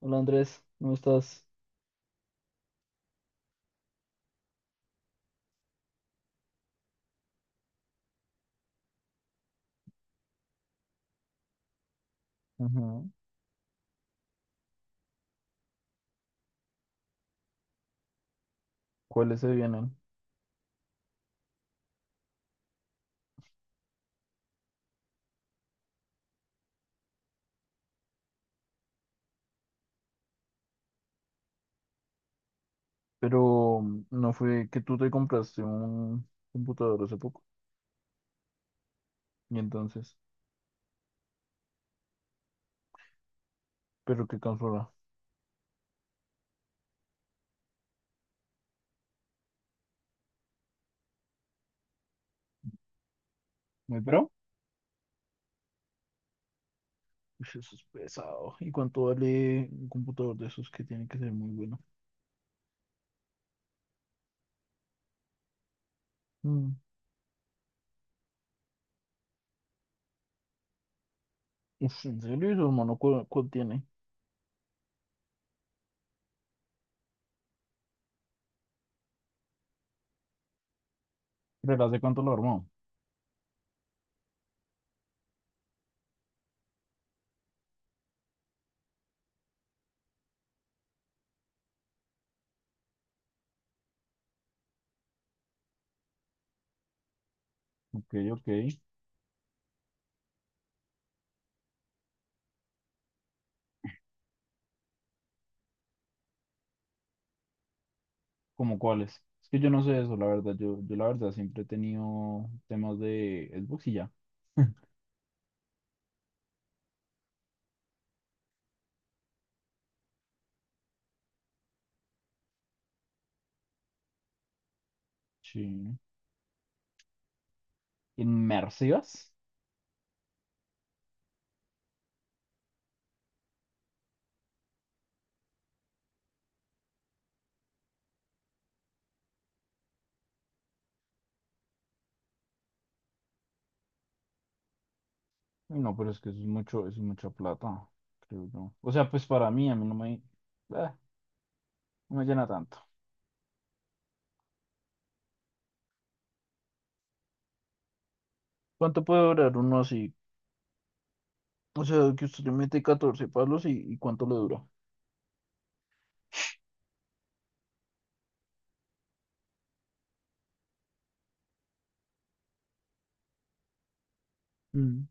Hola Andrés, ¿cómo estás? Ujú. ¿Cuáles se vienen? Pero no fue que tú te compraste un computador hace poco. Y entonces, ¿pero qué consola? Muy pro. Ush, eso es pesado. ¿Y cuánto vale un computador de esos que tiene que ser muy bueno? Mm. Ush, ¿en serio? ¿Y su hermano cuál tiene? ¿Pero hace cuánto lo armó? Ok, ok. ¿Cómo cuáles? Es que yo no sé eso, la verdad. Yo la verdad siempre he tenido temas de Xbox y ya. Sí. ¿Inmersivas? No, pero es que eso es mucho, eso es mucha plata, creo yo. O sea, pues para mí, a mí no me, no me llena tanto. ¿Cuánto puede durar uno así? O sea, que usted le mete 14 palos y ¿cuánto le dura? Mm.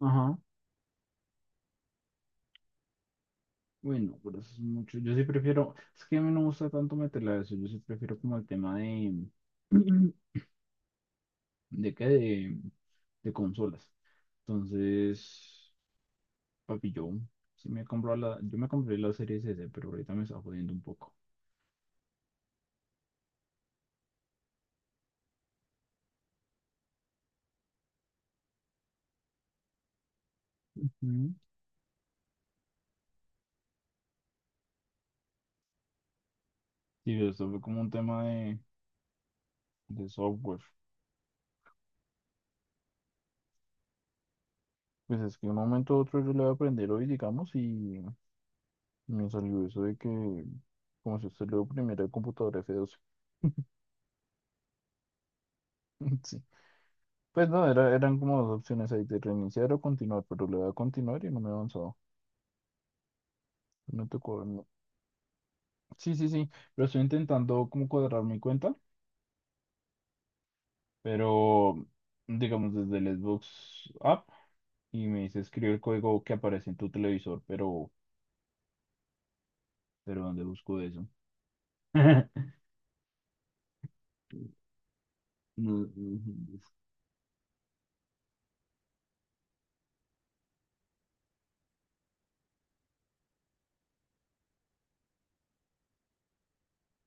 Ajá. Bueno, pero eso es mucho. Yo sí prefiero, es que a mí no me gusta tanto meterla a eso. Yo sí prefiero como el tema de, ¿de qué? De consolas. Entonces, papi, yo me compré la Series S, pero ahorita me está jodiendo un poco. Y esto fue como un tema de, software. Pues es que de un momento a otro yo le voy a aprender hoy, digamos, y me salió eso de que, como si usted le oprimiera el computador F12. Sí. Pues no, eran como dos opciones ahí de reiniciar o continuar, pero le voy a continuar y no me he avanzado. No me tocó. No. Sí, sí, sí, pero estoy intentando como cuadrar mi cuenta, pero digamos desde el Xbox app y me dice escribe el código que aparece en tu televisor, pero ¿dónde busco eso? No, ujú.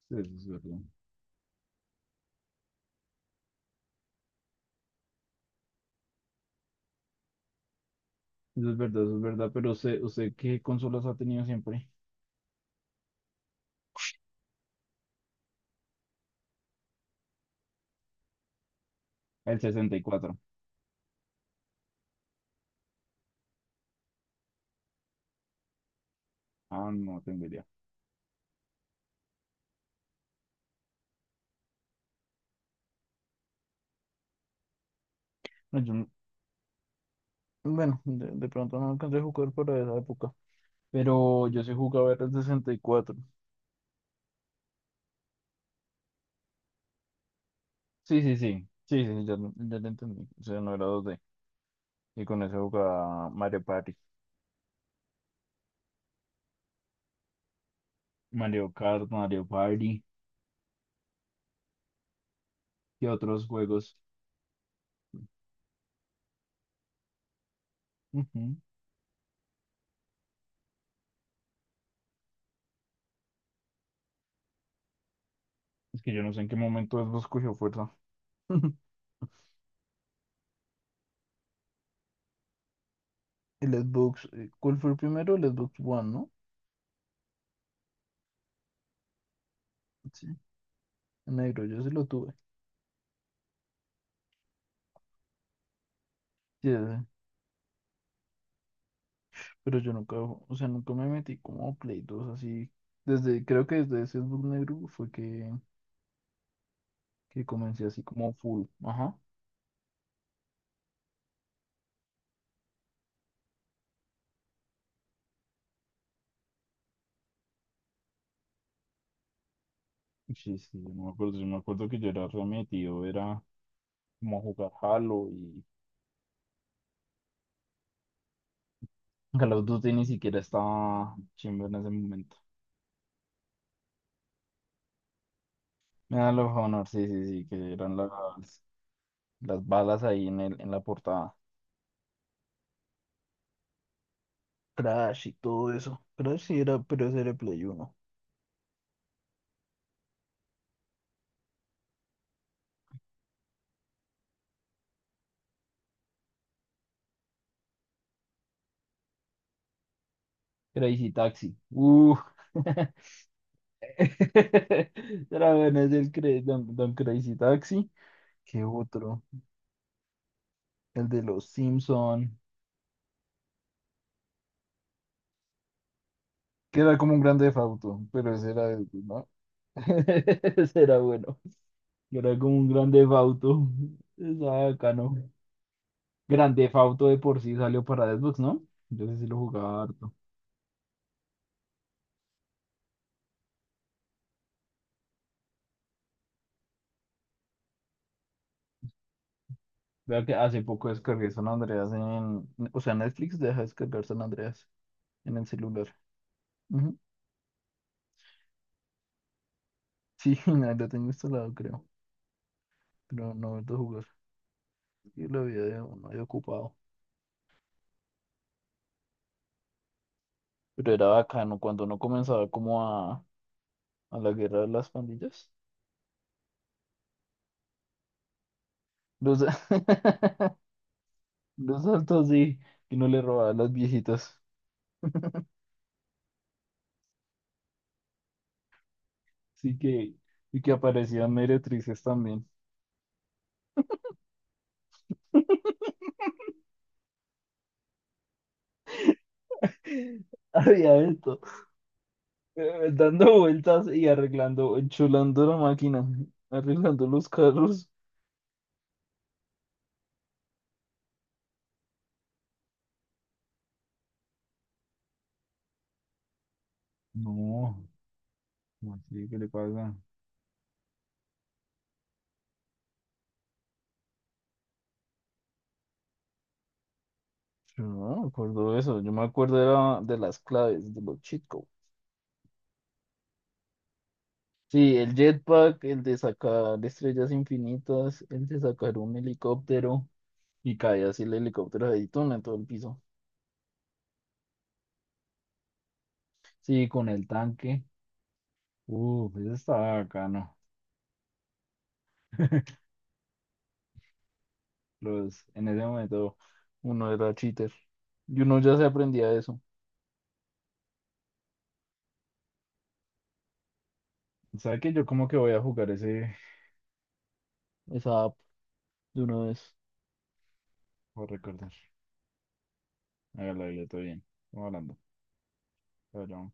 Eso es verdad. Eso es verdad, eso es verdad. Pero usted, ¿qué consolas ha tenido siempre? El 64. Ah, no tengo idea. No, yo no- bueno, de pronto no alcancé a jugar para esa época. Pero yo sí jugaba era el 64. Sí, sí, sí. Sí, sí, ya, ya lo entendí. O sea, no era dos d. Y con eso jugaba Mario Party. Mario Kart, Mario Party y otros juegos. Ujú. Es que yo no sé en qué momento Xbox cogió fuerza. El Xbox, ¿cuál fue el primero? El Xbox One, ¿no? Sí. Negro, yo sí lo tuve. Sí, pero yo nunca, o sea, nunca me metí como a Play 2 así. Creo que desde ese book negro fue que comencé así como full. Ajá. Sí, sí, yo no me acuerdo, yo me acuerdo que yo era remetido, era como jugar Halo y Call of Duty ni siquiera estaba chimba en ese momento. Mira los Honor, sí, sí, sí, que eran las balas ahí en el, en la portada. Crash y todo eso. Crash sí era, pero ese era Play 1. Crazy Taxi. Era bueno, es el Don Crazy Taxi. ¿Qué otro? El de los Simpson. Que era como un grande Theft Auto, pero ese era, de ¿no? Ese era bueno. Que era como un grande Theft Auto. Estaba bacano. Grande Theft Auto de por sí salió para Xbox, ¿no? Yo sí lo jugaba harto. Vea que hace poco descargué San Andreas en... O sea, Netflix deja descargar San Andreas en el celular. Ujú. Sí, ahí lo tengo instalado, creo. Pero no he vuelto a jugar. Y la vida de uno de ocupado. Pero era bacano cuando uno comenzaba como a la guerra de las pandillas. Los, los altos sí, que no le robaban las viejitas. Sí que, y que aparecían meretrices también. Había esto, dando vueltas y arreglando, enchulando la máquina, arreglando los carros. No, ¿cómo así? ¿Qué le pasa? Yo no me acuerdo de eso, yo me acuerdo era de las claves, de los cheat. Sí, el jetpack, el de sacar estrellas infinitas, el de sacar un helicóptero y cae así el helicóptero de Daytona en todo el piso. Sí, con el tanque. Eso estaba bacano. Los, en ese momento uno era cheater y uno ya se aprendía eso. ¿Sabe que yo como que voy a jugar esa app de una vez? Por recordar. Hágale, todo bien. Estamos hablando. Chao, chao.